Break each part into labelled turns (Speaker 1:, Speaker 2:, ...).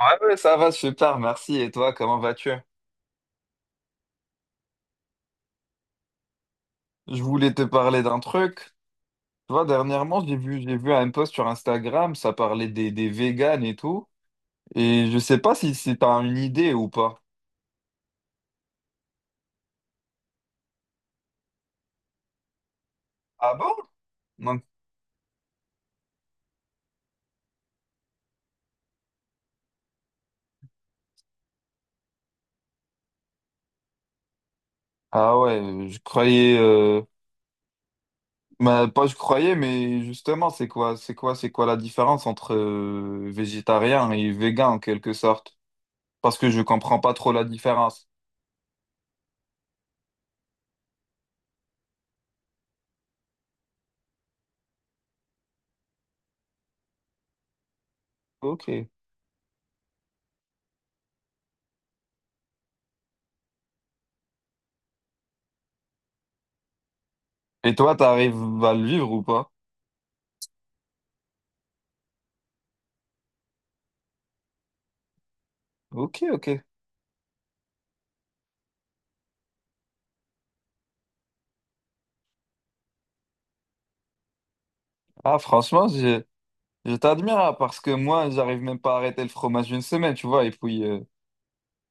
Speaker 1: Ouais, ouais, ça va super, merci. Et toi, comment vas-tu? Je voulais te parler d'un truc. Tu vois, dernièrement, j'ai vu un post sur Instagram, ça parlait des véganes et tout. Et je sais pas si t'as une idée ou pas. Ah bon? Non. Ah ouais, je croyais, bah, pas je croyais, mais justement, c'est quoi la différence entre végétarien et végan en quelque sorte? Parce que je comprends pas trop la différence. Ok. Et toi, t'arrives à le vivre ou pas? Ok, ok. Ah, franchement, je t'admire hein, parce que moi, j'arrive même pas à arrêter le fromage une semaine, tu vois, et puis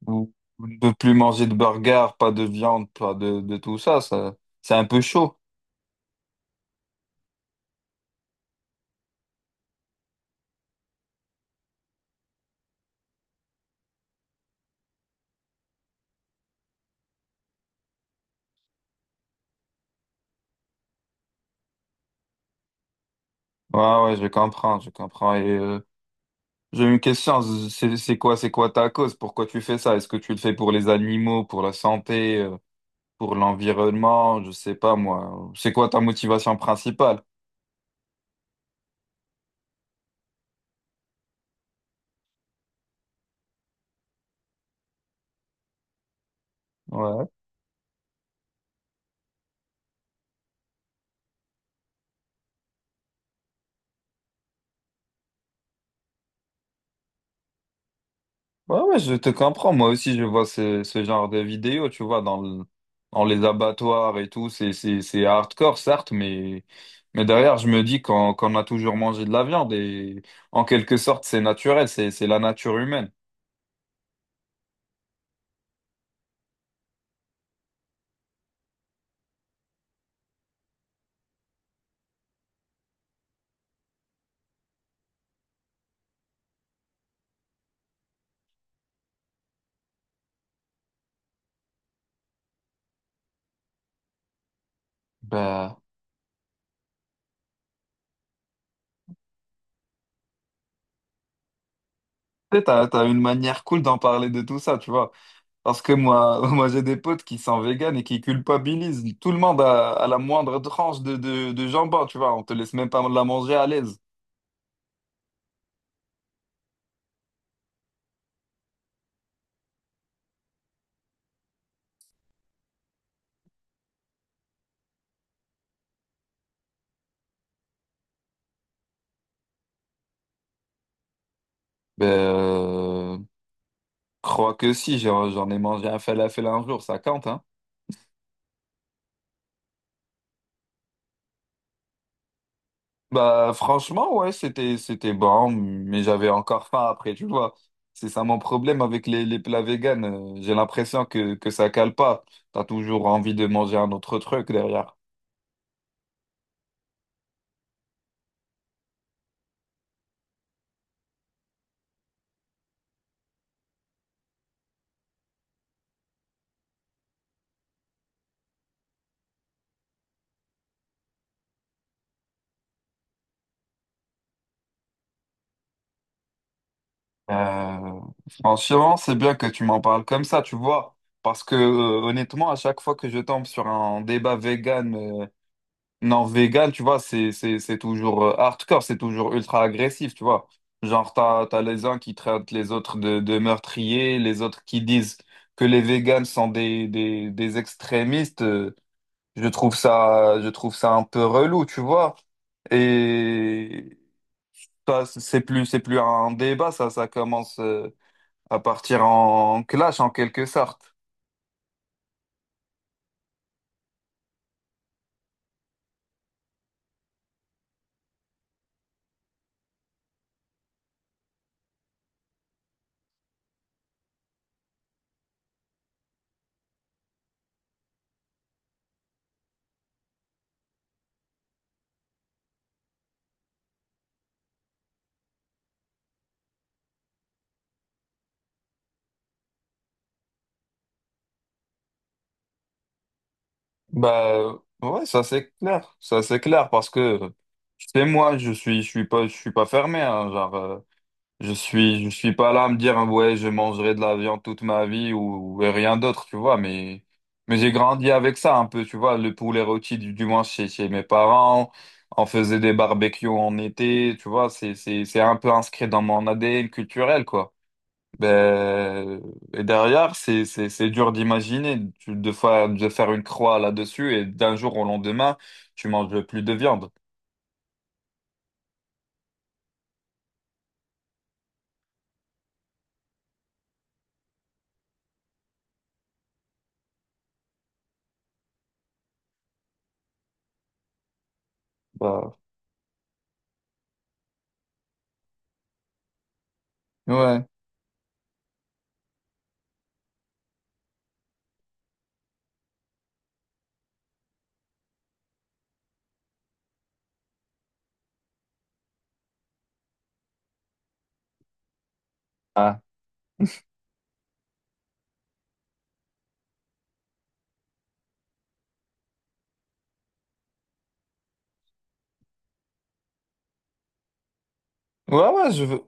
Speaker 1: ou- ou ne plus manger de burger, pas de viande, pas de tout ça, ça, c'est un peu chaud. Ouais, ouais, je comprends. Et j'ai une question, c'est quoi ta cause? Pourquoi tu fais ça? Est-ce que tu le fais pour les animaux, pour la santé, pour l'environnement? Je sais pas moi. C'est quoi ta motivation principale? Ouais. Ouais, ouais, je te comprends. Moi aussi, je vois ce genre de vidéos, tu vois, dans les abattoirs et tout. C'est hardcore, certes, mais derrière, je me dis qu'on a toujours mangé de la viande et en quelque sorte, c'est naturel, c'est la nature humaine. Bah, tu sais, t'as une manière cool d'en parler de tout ça, tu vois. Parce que moi, moi, j'ai des potes qui sont véganes et qui culpabilisent tout le monde à la moindre tranche de jambon, tu vois. On te laisse même pas la manger à l'aise. Ben, crois que si, j'en ai mangé un falafel un jour, ça compte, hein? Bah franchement, ouais, c'était bon, mais j'avais encore faim après, tu vois. C'est ça mon problème avec les plats véganes. J'ai l'impression que ça cale pas. T'as toujours envie de manger un autre truc derrière. Euh, Franchement, c'est bien que tu m'en parles comme ça, tu vois. Parce que honnêtement, à chaque fois que je tombe sur un débat vegan non, vegan, tu vois, c'est toujours hardcore, c'est toujours ultra agressif, tu vois. Genre, t'as les uns qui traitent les autres de meurtriers, les autres qui disent que les véganes sont des extrémistes. Je trouve ça un peu relou, tu vois. Et ça, c'est plus un débat, ça commence à partir en clash en quelque sorte. Bah ouais, ça c'est clair parce que tu sais moi, je suis pas fermé hein, genre je suis pas là à me dire hein, ouais, je mangerai de la viande toute ma vie ou rien d'autre, tu vois, mais j'ai grandi avec ça un peu, tu vois, le poulet rôti du moins chez chez mes parents, on faisait des barbecues en été, tu vois, c'est un peu inscrit dans mon ADN culturel quoi. Ben, et derrière, c'est dur d'imaginer de faire une croix là-dessus et d'un jour au lendemain, tu manges plus de viande. Bah, ouais. Ah, ouais, ouais, je veux...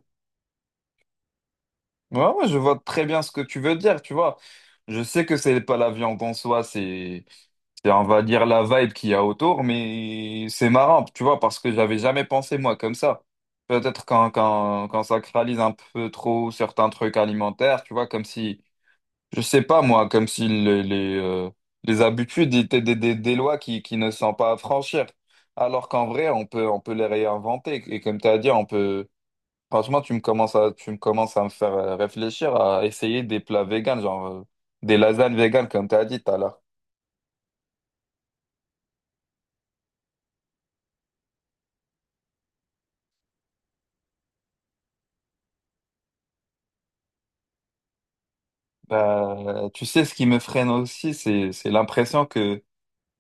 Speaker 1: ouais, ouais, je vois très bien ce que tu veux dire, tu vois. Je sais que c'est pas la viande en soi, c'est, on va dire, la vibe qu'il y a autour, mais c'est marrant, tu vois, parce que j'avais jamais pensé, moi, comme ça. Peut-être quand on sacralise un peu trop certains trucs alimentaires, tu vois, comme si je sais pas, moi, comme si les, les habitudes étaient des lois qui ne sont pas à franchir. Alors qu'en vrai, on peut les réinventer. Et comme tu as dit, on peut. Franchement, tu me commences à me faire réfléchir à essayer des plats véganes, genre des lasagnes véganes, comme tu as dit tout à l'heure. Bah, tu sais, ce qui me freine aussi, c'est l'impression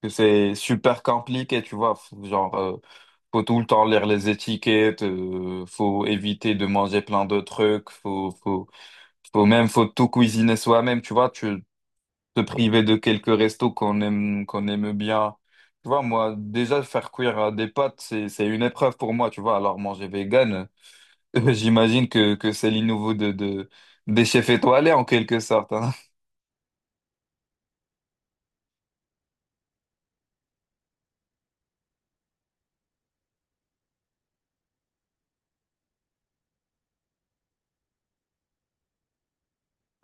Speaker 1: que c'est super compliqué, tu vois. Genre, faut tout le temps lire les étiquettes, faut éviter de manger plein de trucs, faut, faut. Faut même, faut tout cuisiner soi-même, tu vois, tu te priver de quelques restos qu'on aime bien. Tu vois, moi, déjà, faire cuire des pâtes, c'est une épreuve pour moi, tu vois. Alors, manger vegan, j'imagine que c'est l'innouveau des chefs étoilés, en quelque sorte, hein.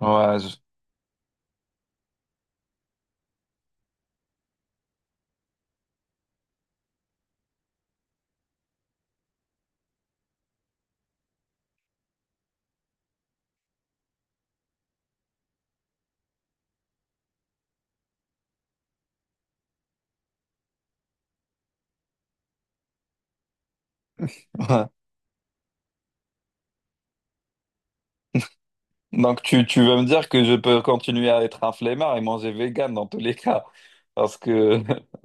Speaker 1: Ouais, donc, tu veux me dire que je peux continuer à être un flemmard et manger vegan dans tous les cas. Parce que,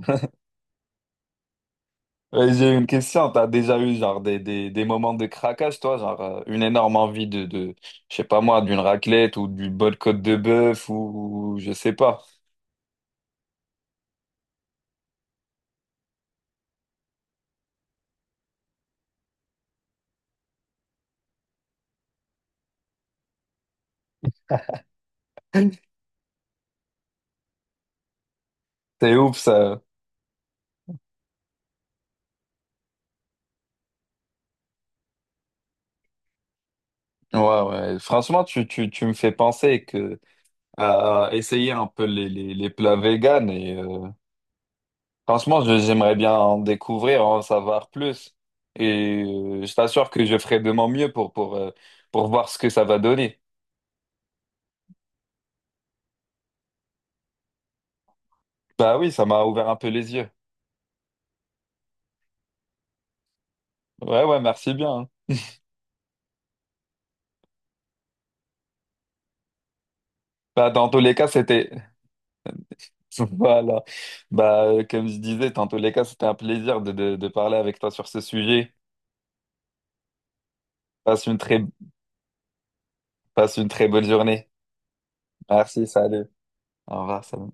Speaker 1: ouais, j'ai une question, t'as déjà eu genre des moments de craquage, toi, genre une énorme envie je sais pas moi, d'une raclette ou d'une bonne côte de bœuf ou je sais pas. C'est ouf ça. Ouais, ouais. Franchement, tu me fais penser que à essayer un peu les plats véganes et franchement, j'aimerais bien en découvrir, en savoir plus. Et je t'assure que je ferai de mon mieux pour voir ce que ça va donner. Bah oui, ça m'a ouvert un peu les yeux. Ouais, ouais, merci bien. Hein. Bah, dans tous les cas, c'était... Voilà. Bah, comme je disais, dans tous les cas, c'était un plaisir de parler avec toi sur ce sujet. Passe une très, passe une très bonne journée. Merci, salut. Au revoir, salut.